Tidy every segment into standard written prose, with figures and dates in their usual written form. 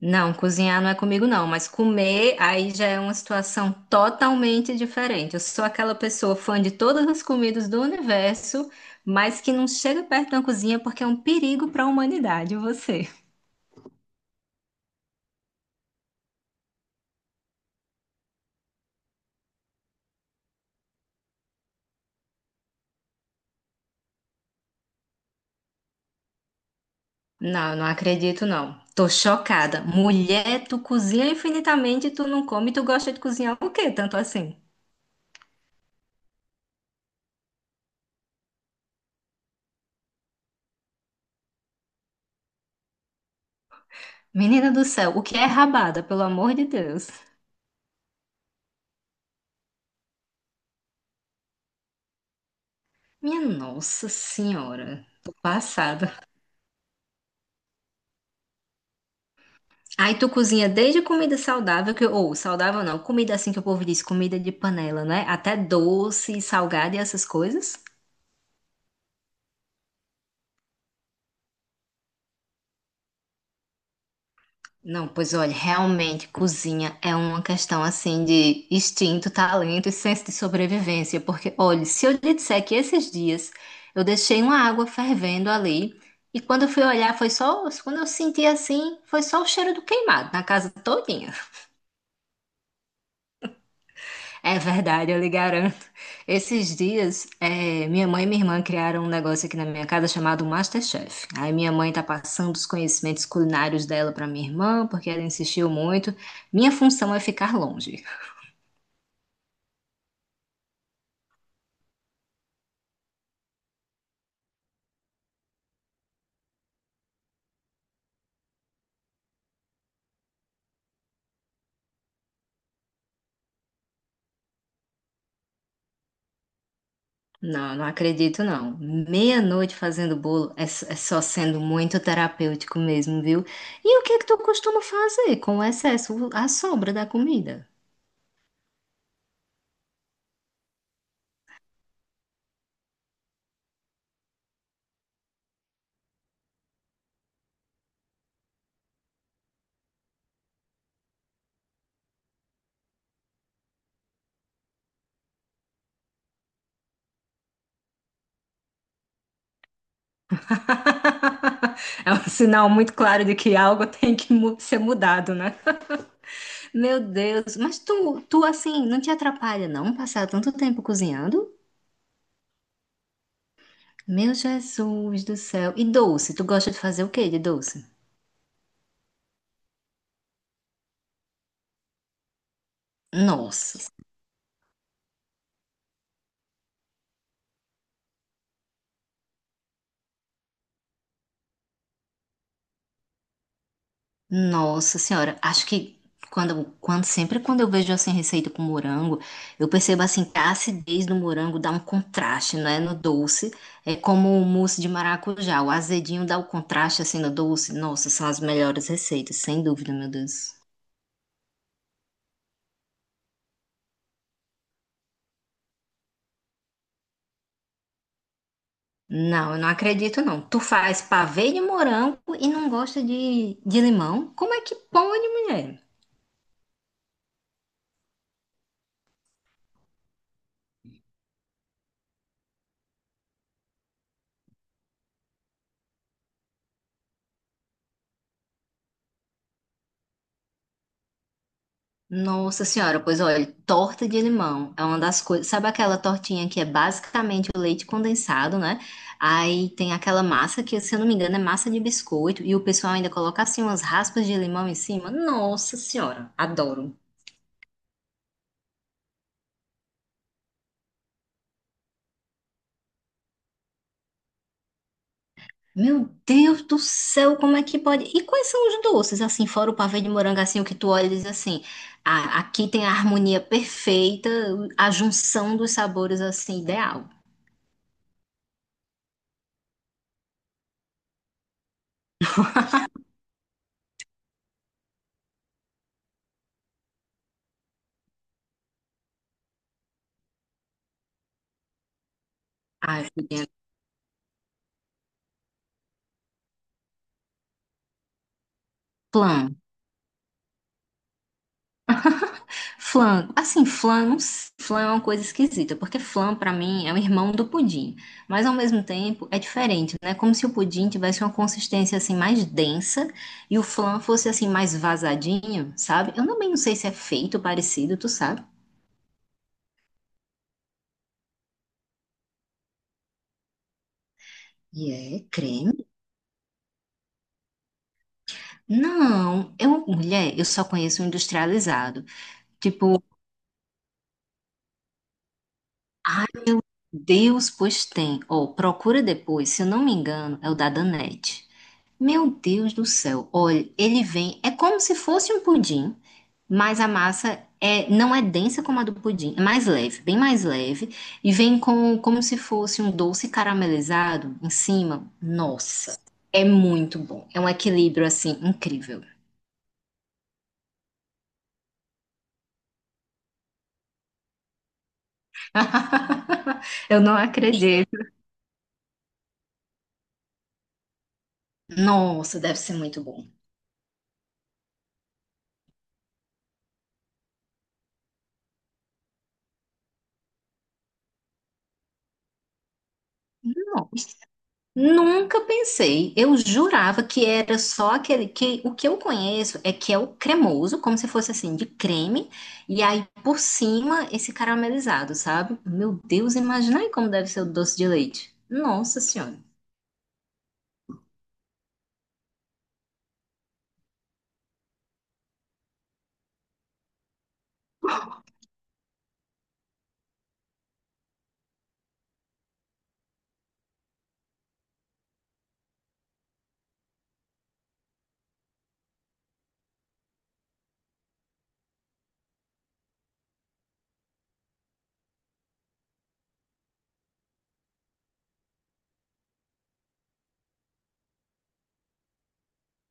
Não, cozinhar não é comigo não, mas comer aí já é uma situação totalmente diferente. Eu sou aquela pessoa fã de todas as comidas do universo, mas que não chega perto da cozinha porque é um perigo para a humanidade, e você. Não, eu não acredito não. Tô chocada. Mulher, tu cozinha infinitamente, tu não come, tu gosta de cozinhar o quê? Tanto assim. Menina do céu, o que é rabada, pelo amor de Deus? Minha nossa senhora, tô passada. Aí tu cozinha desde comida saudável, que, ou saudável não, comida assim que o povo diz, comida de panela, né? Até doce, salgado e essas coisas. Não, pois olha, realmente cozinha é uma questão assim de instinto, talento e senso de sobrevivência. Porque, olha, se eu lhe disser que esses dias eu deixei uma água fervendo ali, e quando eu fui olhar, foi só, quando eu senti assim, foi só o cheiro do queimado na casa todinha. É verdade, eu lhe garanto. Esses dias, minha mãe e minha irmã criaram um negócio aqui na minha casa chamado MasterChef. Aí minha mãe tá passando os conhecimentos culinários dela pra minha irmã, porque ela insistiu muito. Minha função é ficar longe. Não, não acredito não. Meia-noite fazendo bolo é, é só sendo muito terapêutico mesmo, viu? E o que é que tu costuma fazer com o excesso, a sobra da comida? É um sinal muito claro de que algo tem que ser mudado, né? Meu Deus, mas tu assim, não te atrapalha não passar tanto tempo cozinhando? Meu Jesus do céu. E doce, tu gosta de fazer o quê de doce? Nossa, nossa senhora, acho que quando sempre quando eu vejo assim receita com morango, eu percebo assim que a acidez do morango dá um contraste, não é, no doce. É como o mousse de maracujá, o azedinho dá o contraste assim no doce. Nossa, são as melhores receitas, sem dúvida, meu Deus. Não, eu não acredito não. Tu faz pavê de morango e não gosta de limão? Como é que pode, mulher? Nossa senhora, pois olha, torta de limão é uma das coisas. Sabe aquela tortinha que é basicamente o leite condensado, né? Aí tem aquela massa que, se eu não me engano, é massa de biscoito e o pessoal ainda coloca assim umas raspas de limão em cima. Nossa senhora, adoro. Meu Deus do céu, como é que pode? E quais são os doces, assim, fora o pavê de morango, assim, o que tu olha e diz assim, ah, aqui tem a harmonia perfeita, a junção dos sabores, assim, ideal. Ah, aqui tem flan. Flan, assim, flan, não sei, flan é uma coisa esquisita, porque flan, pra mim, é o irmão do pudim. Mas, ao mesmo tempo, é diferente, né? Como se o pudim tivesse uma consistência, assim, mais densa e o flan fosse, assim, mais vazadinho, sabe? Eu também não sei se é feito parecido, tu sabe? E é creme? Não, eu, mulher, eu só conheço o industrializado. Tipo, ai, Deus, pois tem. Ó, procura depois, se eu não me engano, é o da Danette. Meu Deus do céu. Olha, ele vem, é como se fosse um pudim, mas a massa é, não é densa como a do pudim, é mais leve, bem mais leve, e vem com, como se fosse um doce caramelizado em cima. Nossa, é muito bom. É um equilíbrio assim incrível. Eu não acredito. Nossa, deve ser muito bom. Nossa, nunca pensei. Eu jurava que era só aquele que o que eu conheço é que é o cremoso, como se fosse assim de creme, e aí por cima esse caramelizado, sabe? Meu Deus, imagina aí como deve ser o doce de leite. Nossa Senhora.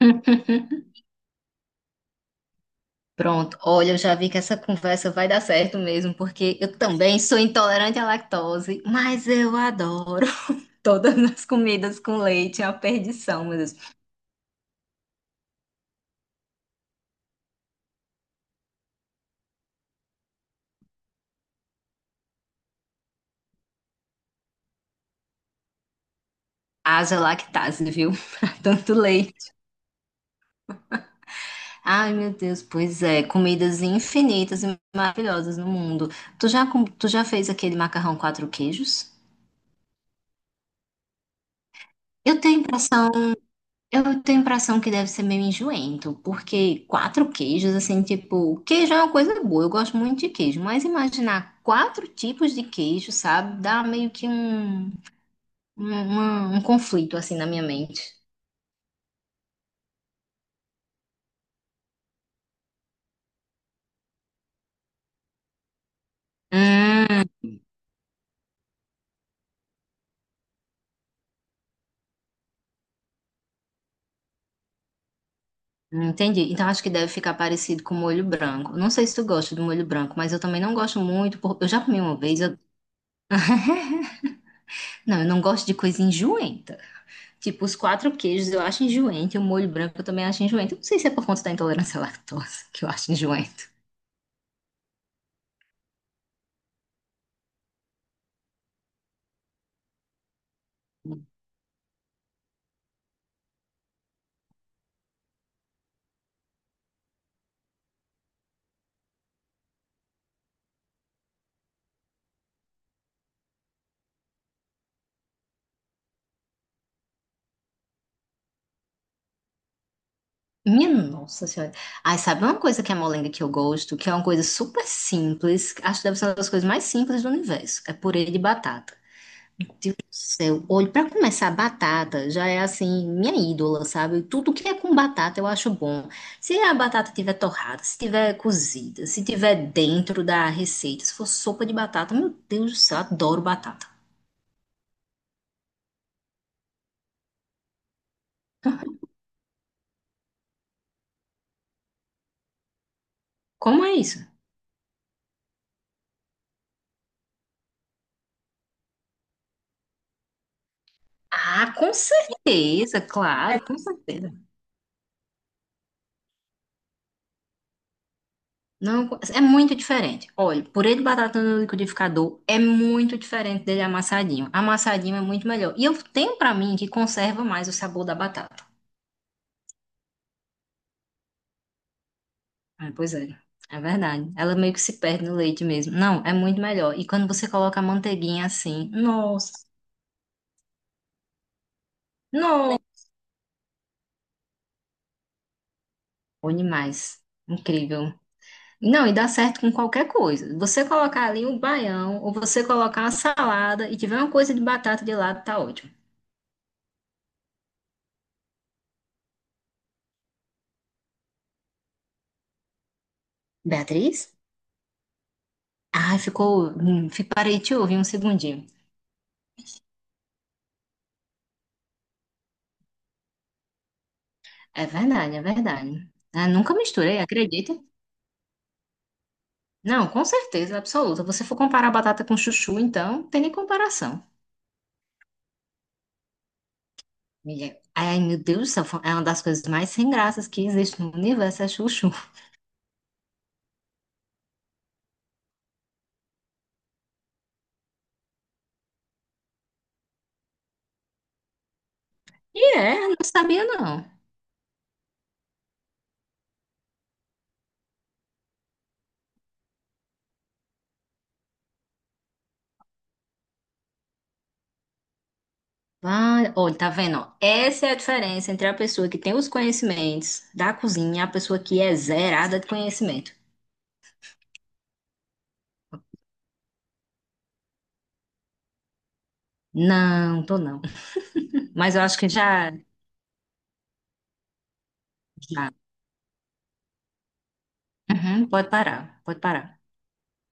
Pronto, olha, eu já vi que essa conversa vai dar certo mesmo, porque eu também sou intolerante à lactose, mas eu adoro. Todas as comidas com leite é uma perdição, meu Deus. Haja lactase, viu? Tanto leite. Ai, meu Deus, pois é. Comidas infinitas e maravilhosas no mundo. Tu já, tu já fez aquele macarrão quatro queijos? Eu tenho a impressão, eu tenho a impressão que deve ser meio enjoento, porque quatro queijos, assim, tipo, queijo é uma coisa boa, eu gosto muito de queijo, mas imaginar quatro tipos de queijo, sabe? Dá meio que um conflito, assim, na minha mente. Hum. Entendi. Então acho que deve ficar parecido com molho branco. Não sei se tu gosta do molho branco, mas eu também não gosto muito. Eu já comi uma vez. Não, eu não gosto de coisa enjoenta. Tipo, os quatro queijos eu acho enjoento e o molho branco eu também acho enjoento. Eu não sei se é por conta da intolerância à lactose que eu acho enjoento. Minha nossa senhora. Ai, sabe uma coisa que é molenga que eu gosto, que é uma coisa super simples. Acho que deve ser uma das coisas mais simples do universo. É purê de batata. Seu olho, para começar, batata já é assim, minha ídola, sabe? Tudo que é com batata eu acho bom. Se a batata tiver torrada, se tiver cozida, se tiver dentro da receita, se for sopa de batata, meu Deus do céu, adoro batata. Como é isso? Ah, com certeza, claro, com certeza. Não, é muito diferente. Olha, purê de batata no liquidificador é muito diferente dele amassadinho. Amassadinho é muito melhor. E eu tenho pra mim que conserva mais o sabor da batata. Ah, pois é, é verdade. Ela meio que se perde no leite mesmo. Não, é muito melhor. E quando você coloca a manteiguinha assim, nossa, nossa, bom demais. Incrível. Não, e dá certo com qualquer coisa. Você colocar ali o baião, ou você colocar uma salada e tiver uma coisa de batata de lado, tá ótimo. Beatriz? Ai, ficou. Parei de te ouvir um segundinho. É verdade, é verdade. Ah, nunca misturei, acredita? Não, com certeza, absoluta. Você for comparar batata com chuchu, então, não tem nem comparação. Amiga, ai, meu Deus do céu, é uma das coisas mais sem graças que existe no universo, é chuchu. E é, não sabia não. Vai, olha, tá vendo, ó? Essa é a diferença entre a pessoa que tem os conhecimentos da cozinha e a pessoa que é zerada de conhecimento. Não, tô não. Mas eu acho que já, já. Uhum, pode parar, pode parar.